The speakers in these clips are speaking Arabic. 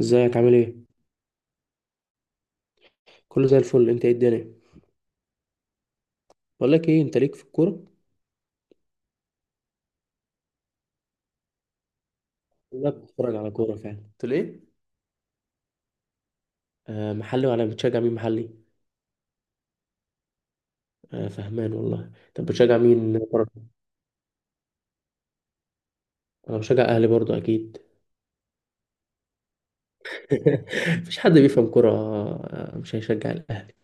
ازيك؟ عامل ايه؟ كله زي الفل. انت ايه الدنيا؟ بقول لك ايه، انت ليك في الكوره؟ لا، بتتفرج على كوره فعلا؟ قلت له ايه؟ آه، محلي. ولا بتشجع مين محلي؟ آه، فهمان والله. طب بتشجع مين بره؟ انا بشجع اهلي برضو اكيد. مفيش حد بيفهم كوره، مش هيشجع الاهلي.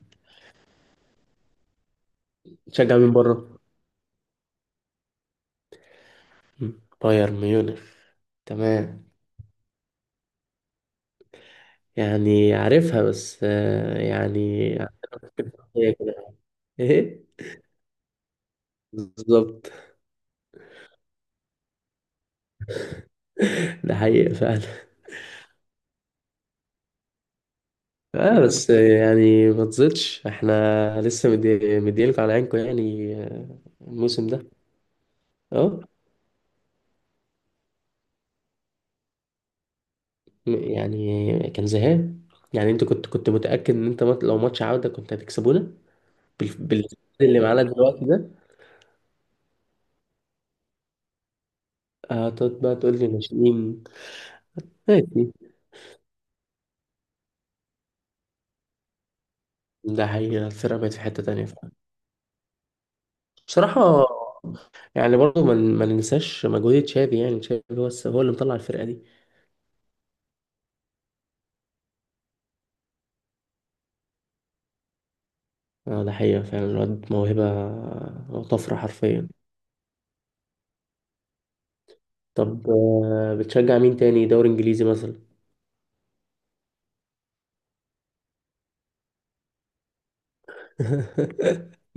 بتشجع مين بره؟ مم، بايرن ميونخ. تمام. يعني عارفها بس يعني. ايه؟ بالظبط. ده حقيقة فعلا. اه، بس يعني ما تزيدش، احنا لسه مديلكوا على عينكم، يعني الموسم ده. اه. يعني كان زهقان. يعني انت كنت متأكد ان انت لو ماتش عودة كنت هتكسبونا. بال- بال- اللي معانا دلوقتي ده. هتقعد بقى تقول لي ناشئين؟ ماشي. ده حقيقة، الفرقة بقت في حتة تانية فعلا. بصراحة. يعني برضه ما ننساش مجهود تشافي، يعني تشافي هو هو اللي مطلع الفرقة دي. اه ده حقيقة فعلا، الواد موهبة. وطفرة حرفيا. طب، بتشجع مين تاني؟ دوري انجليزي مثلا؟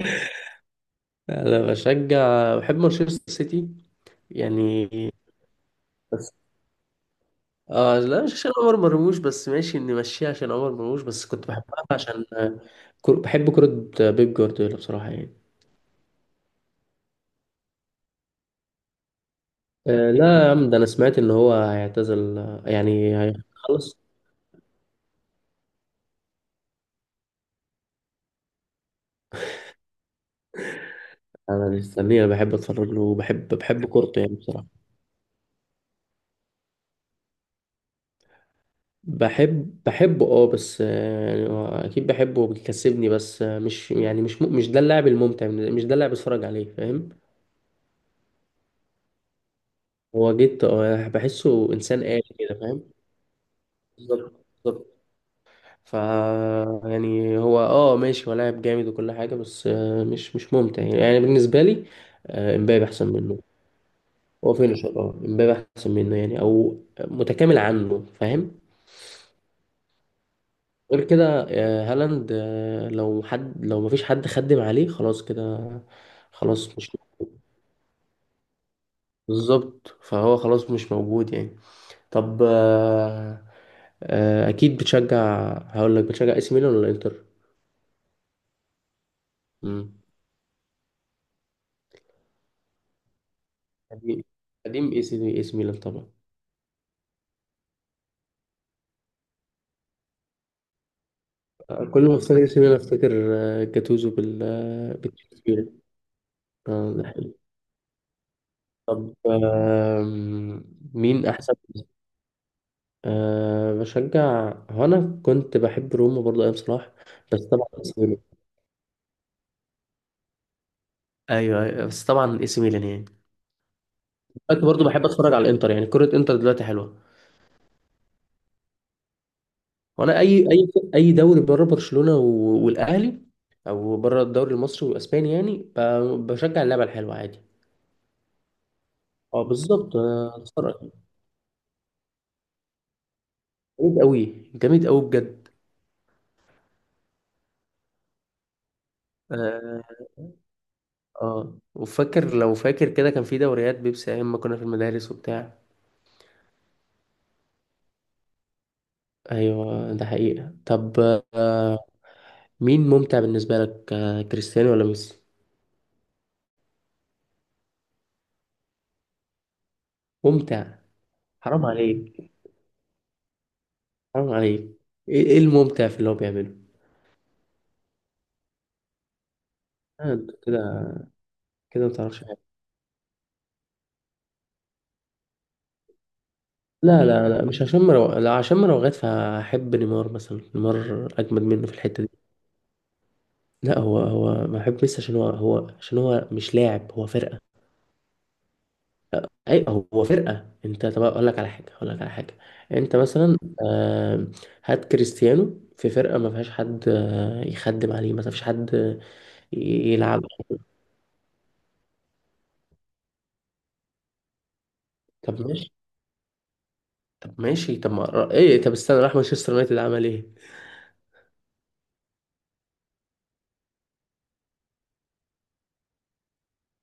انا بشجع، بحب مانشستر سيتي. يعني. بس، اه، لا مش عشان عمر مرموش، بس ماشي اني ماشيه عشان عمر مرموش، بس كنت بحبها عشان بحب كرة بيب جوارديولا بصراحة يعني. آه لا يا عم، ده انا سمعت ان هو هيعتزل يعني هيخلص. انا مستنيه، انا بحب اتفرج له، وبحب كورته يعني بصراحة. بحبه اه. بس يعني هو اكيد بحبه وبيكسبني، بس مش يعني، مش ده اللاعب الممتع، مش ده اللاعب اتفرج عليه، فاهم؟ هو جيت بحسه انسان آلي كده، فاهم؟ بالظبط بالظبط. ف... يعني هو ماشي، هو لاعب جامد وكل حاجه، بس مش ممتع يعني بالنسبه لي. امبابي احسن منه. هو فينشر، امبابي احسن منه يعني، او متكامل عنه، فاهم؟ غير كده هالاند لو مفيش حد خدم عليه خلاص كده. خلاص، مش... بالظبط، فهو خلاص مش موجود يعني. طب، اكيد بتشجع، هقول لك بتشجع اي سي ميلان ولا انتر؟ مم. قديم. قديم، اي سي ميلان طبعا. كل ما افتكر اي سي ميلان افتكر جاتوزو بالتشكيله. اه ده حلو. طب، مين احسن؟ أه، بشجع. هو أنا كنت بحب روما برضه أيام صلاح. بس طبعا AC ميلان. ايوه، أيوة، بس طبعا اي سي ميلان يعني. دلوقتي برضه بحب أتفرج على الإنتر، يعني كرة إنتر دلوقتي حلوة. وأنا أي أي دوري بره برشلونة والأهلي، أو بره الدوري المصري والأسباني، يعني بشجع اللعبة الحلوة عادي. أه بالظبط. اتفرج. جامد أوي، جامد أوي بجد. أه. اه وفاكر لو فاكر كده، كان في دوريات بيبسي ايام ما كنا في المدارس وبتاع. ايوه، ده حقيقة. طب، آه مين ممتع بالنسبة لك، كريستيانو ولا ميسي؟ ممتع؟ حرام عليك! حرام عليك! ايه الممتع في اللي هو بيعمله؟ أنت كده. كده ما تعرفش حاجة. لا، لا، لا، مش عشان لا، عشان مراوغات. فاحب نيمار مثلا، نيمار اجمد منه في الحتة دي. لا هو بحب ميسي عشان هو عشان هو مش لاعب، هو فرقة. اي. هو فرقة. انت طب اقول لك على حاجة، اقول لك على حاجة. انت مثلا، آه، هات كريستيانو في فرقة ما فيهاش حد يخدم عليه، ما فيش حد يلعب. طب ماشي. طب ماشي. طب ما ايه؟ طب استنى، راح مانشستر يونايتد عمل ايه؟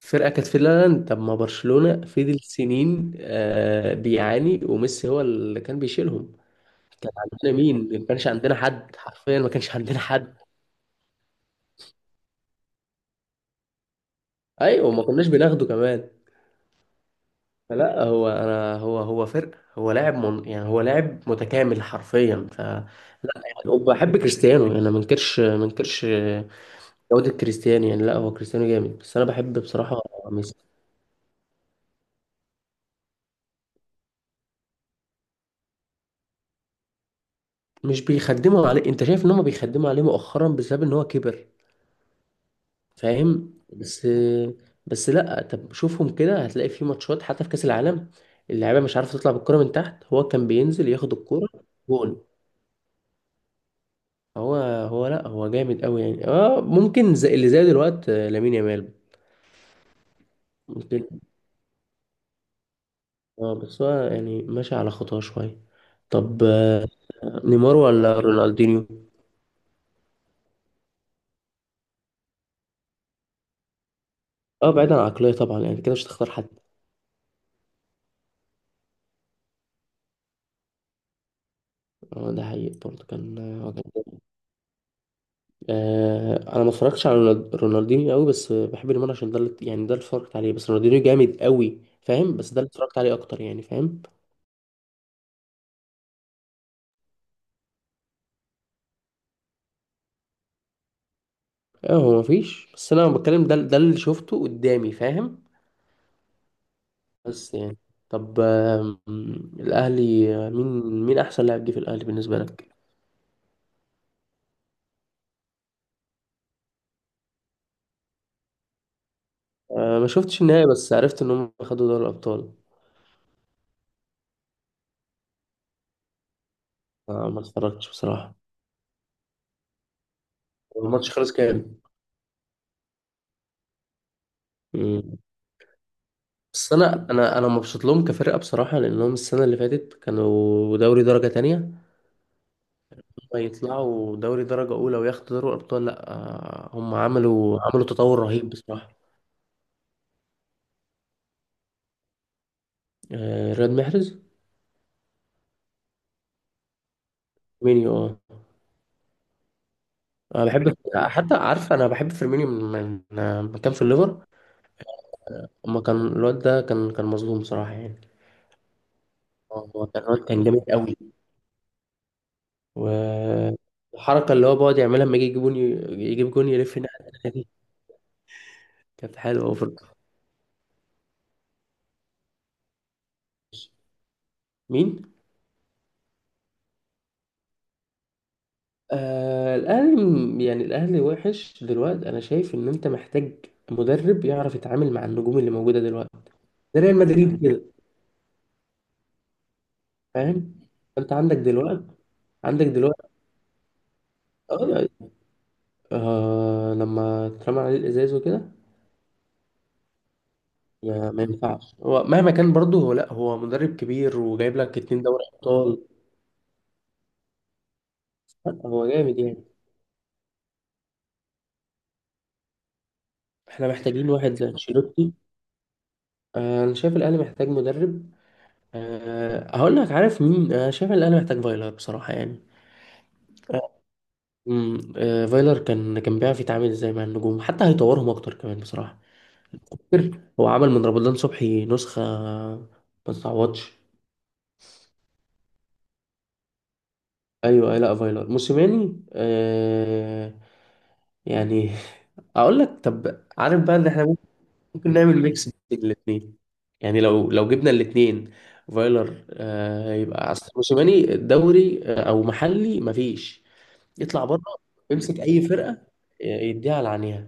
فرقة كانت في اللاند. طب ما برشلونة فضل سنين بيعاني، وميسي هو اللي كان بيشيلهم. كان عندنا مين؟ ما كانش عندنا حد حرفيا، ما كانش عندنا حد. ايوه وما كناش بناخده كمان. فلا هو انا هو فرق. هو لاعب من يعني هو لاعب متكامل حرفيا، ف... لا يعني وبحب كريستيانو، يعني انا ما انكرش جودة كريستيانو، يعني لا، هو كريستيانو جامد، بس انا بحب بصراحة ميسي. مش بيخدموا عليه؟ انت شايف ان هم بيخدموا عليه مؤخرا بسبب ان هو كبر. فاهم؟ بس... بس لا، طب شوفهم كده هتلاقي في ماتشات حتى في كاس العالم، اللعيبه مش عارفه تطلع بالكره من تحت، هو كان بينزل ياخد الكره. جول. هو هو لا هو جامد قوي يعني، ممكن زي اللي زي دلوقتي لامين يامال. ممكن. اه بس هو يعني ماشي على خطاه شويه. طب، نيمار ولا رونالدينيو؟ اه بعيدا عن العقليه طبعا، يعني كده مش تختار حد. اه ده حقيقي برضه كان. انا ما اتفرجتش على رونالدينيو قوي، بس بحب نيمار عشان يعني ده اللي اتفرجت عليه، بس رونالدينيو جامد قوي فاهم، بس ده اللي اتفرجت عليه اكتر يعني، فاهم؟ اه هو مفيش، بس انا بتكلم ده اللي شفته قدامي، فاهم؟ بس يعني. طب، الاهلي مين، مين احسن لاعب جه في الاهلي بالنسبه لك؟ ما شفتش النهائي، بس عرفت ان هم خدوا دوري الابطال. ما اتفرجتش بصراحه. الماتش خلص كام؟ مم. بس انا مبسوط لهم كفرقه بصراحه، لانهم السنه اللي فاتت كانوا دوري درجه تانية، ما يطلعوا دوري درجة أولى وياخدوا دوري الأبطال؟ لأ. هم عملوا تطور رهيب بصراحة. رياض محرز. فيرمينيو اه. أنا بحب، حتى عارف، أنا بحب فيرمينيو من من كان في الليفر. أما كان الواد ده، كان مظلوم صراحة يعني. هو كان الواد كان جامد قوي. والحركة اللي هو بيقعد يعملها لما يجي يجيب جون، يلف الناحية التانية دي. كانت حلوة أوي، في... مين؟ الأهلي يعني الأهلي وحش دلوقتي، أنا شايف إن أنت محتاج مدرب يعرف يتعامل مع النجوم اللي موجودة دلوقتي، زي ريال مدريد كده. فاهم؟ أنت عندك دلوقتي، عندك دلوقتي آه آه، لما اترمى عليه الإزاز وكده. ما ينفعش، هو مهما كان برضه هو لأ، هو مدرب كبير وجايب لك اتنين دوري أبطال. لأ هو جامد يعني. إحنا محتاجين واحد زي أنشيلوتي. أنا شايف الأهلي محتاج مدرب. أه هقول لك، عارف مين أنا شايف الأهلي محتاج؟ فايلر بصراحة يعني. فايلر كان بيعرف يتعامل ازاي مع النجوم، حتى هيطورهم اكتر كمان بصراحه. فاكر هو عمل من رمضان صبحي نسخه؟ ما تتعوضش. ايوه، أيوة. لا فايلر، موسيماني يعني. اقول لك طب، عارف بقى ان احنا ممكن نعمل ميكس بين الاثنين. يعني لو جبنا الاثنين، فايلر يبقى اصل، موسيماني دوري او محلي مفيش، يطلع بره، يمسك اي فرقه، يديها على عينيها.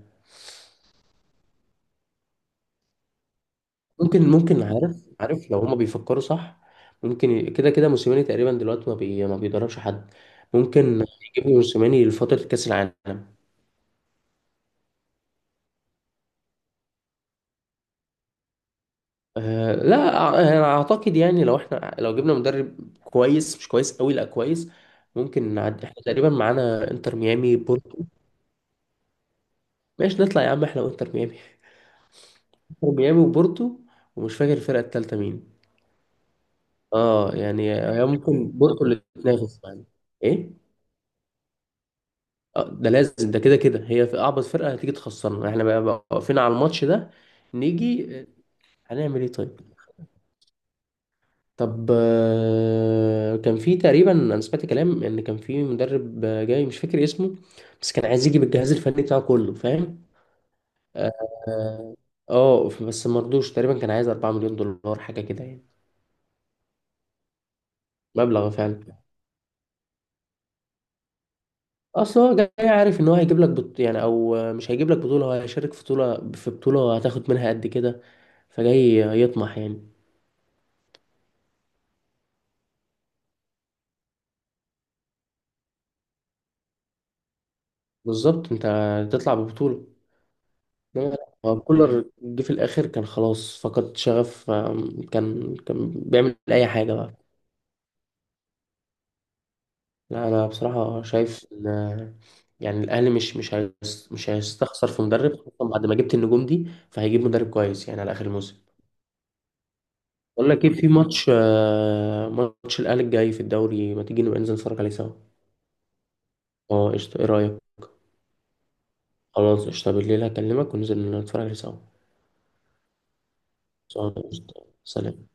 ممكن، عارف لو هما بيفكروا صح، ممكن كده كده، موسيماني تقريبا دلوقتي ما بيدربش حد. ممكن يجيبوا موسيماني لفترة كأس العالم. أه لا، انا اعتقد يعني لو جبنا مدرب كويس، مش كويس قوي، لا كويس. ممكن نعدي، احنا تقريبا معانا انتر ميامي، بورتو. ماشي نطلع يا عم احنا وانتر ميامي. انتر ميامي وبورتو. ومش فاكر الفرقة التالتة مين. اه يعني هي ممكن بورتو اللي تنافس يعني. ايه؟ ده لازم، كده كده هي، في اعبط فرقه هتيجي تخسرنا احنا بقى، واقفين على الماتش ده. نيجي هنعمل ايه طيب؟ طب، كان في تقريبا، انا سمعت كلام ان كان في مدرب جاي، مش فاكر اسمه. بس كان عايز يجي بالجهاز الفني بتاعه كله، فاهم؟ اه. آه، بس ما رضوش. تقريبا كان عايز 4 مليون دولار حاجه كده يعني. مبلغ فعلا. اصل هو جاي عارف ان هو هيجيب لك يعني، او مش هيجيب لك بطوله، هو هيشارك في بطوله هتاخد منها قد كده. فجاي يطمح يعني. بالظبط. انت تطلع ببطولة. انما لا، هو كولر جه في الاخر كان خلاص فقد شغف، كان بيعمل اي حاجة بقى. لا انا بصراحة شايف ان يعني الاهلي مش هيستخسر في مدرب، خصوصا بعد ما جبت النجوم دي، فهيجيب مدرب كويس يعني على اخر الموسم. بقول لك ايه، في ماتش الاهلي الجاي في الدوري، ما تيجي نبقى ننزل نتفرج عليه سوا؟ اه قشطة. ايه رأيك؟ خلاص قشطة، بالليل هكلمك وننزل نتفرج عليه سوا. خلاص، قشطة، سلام.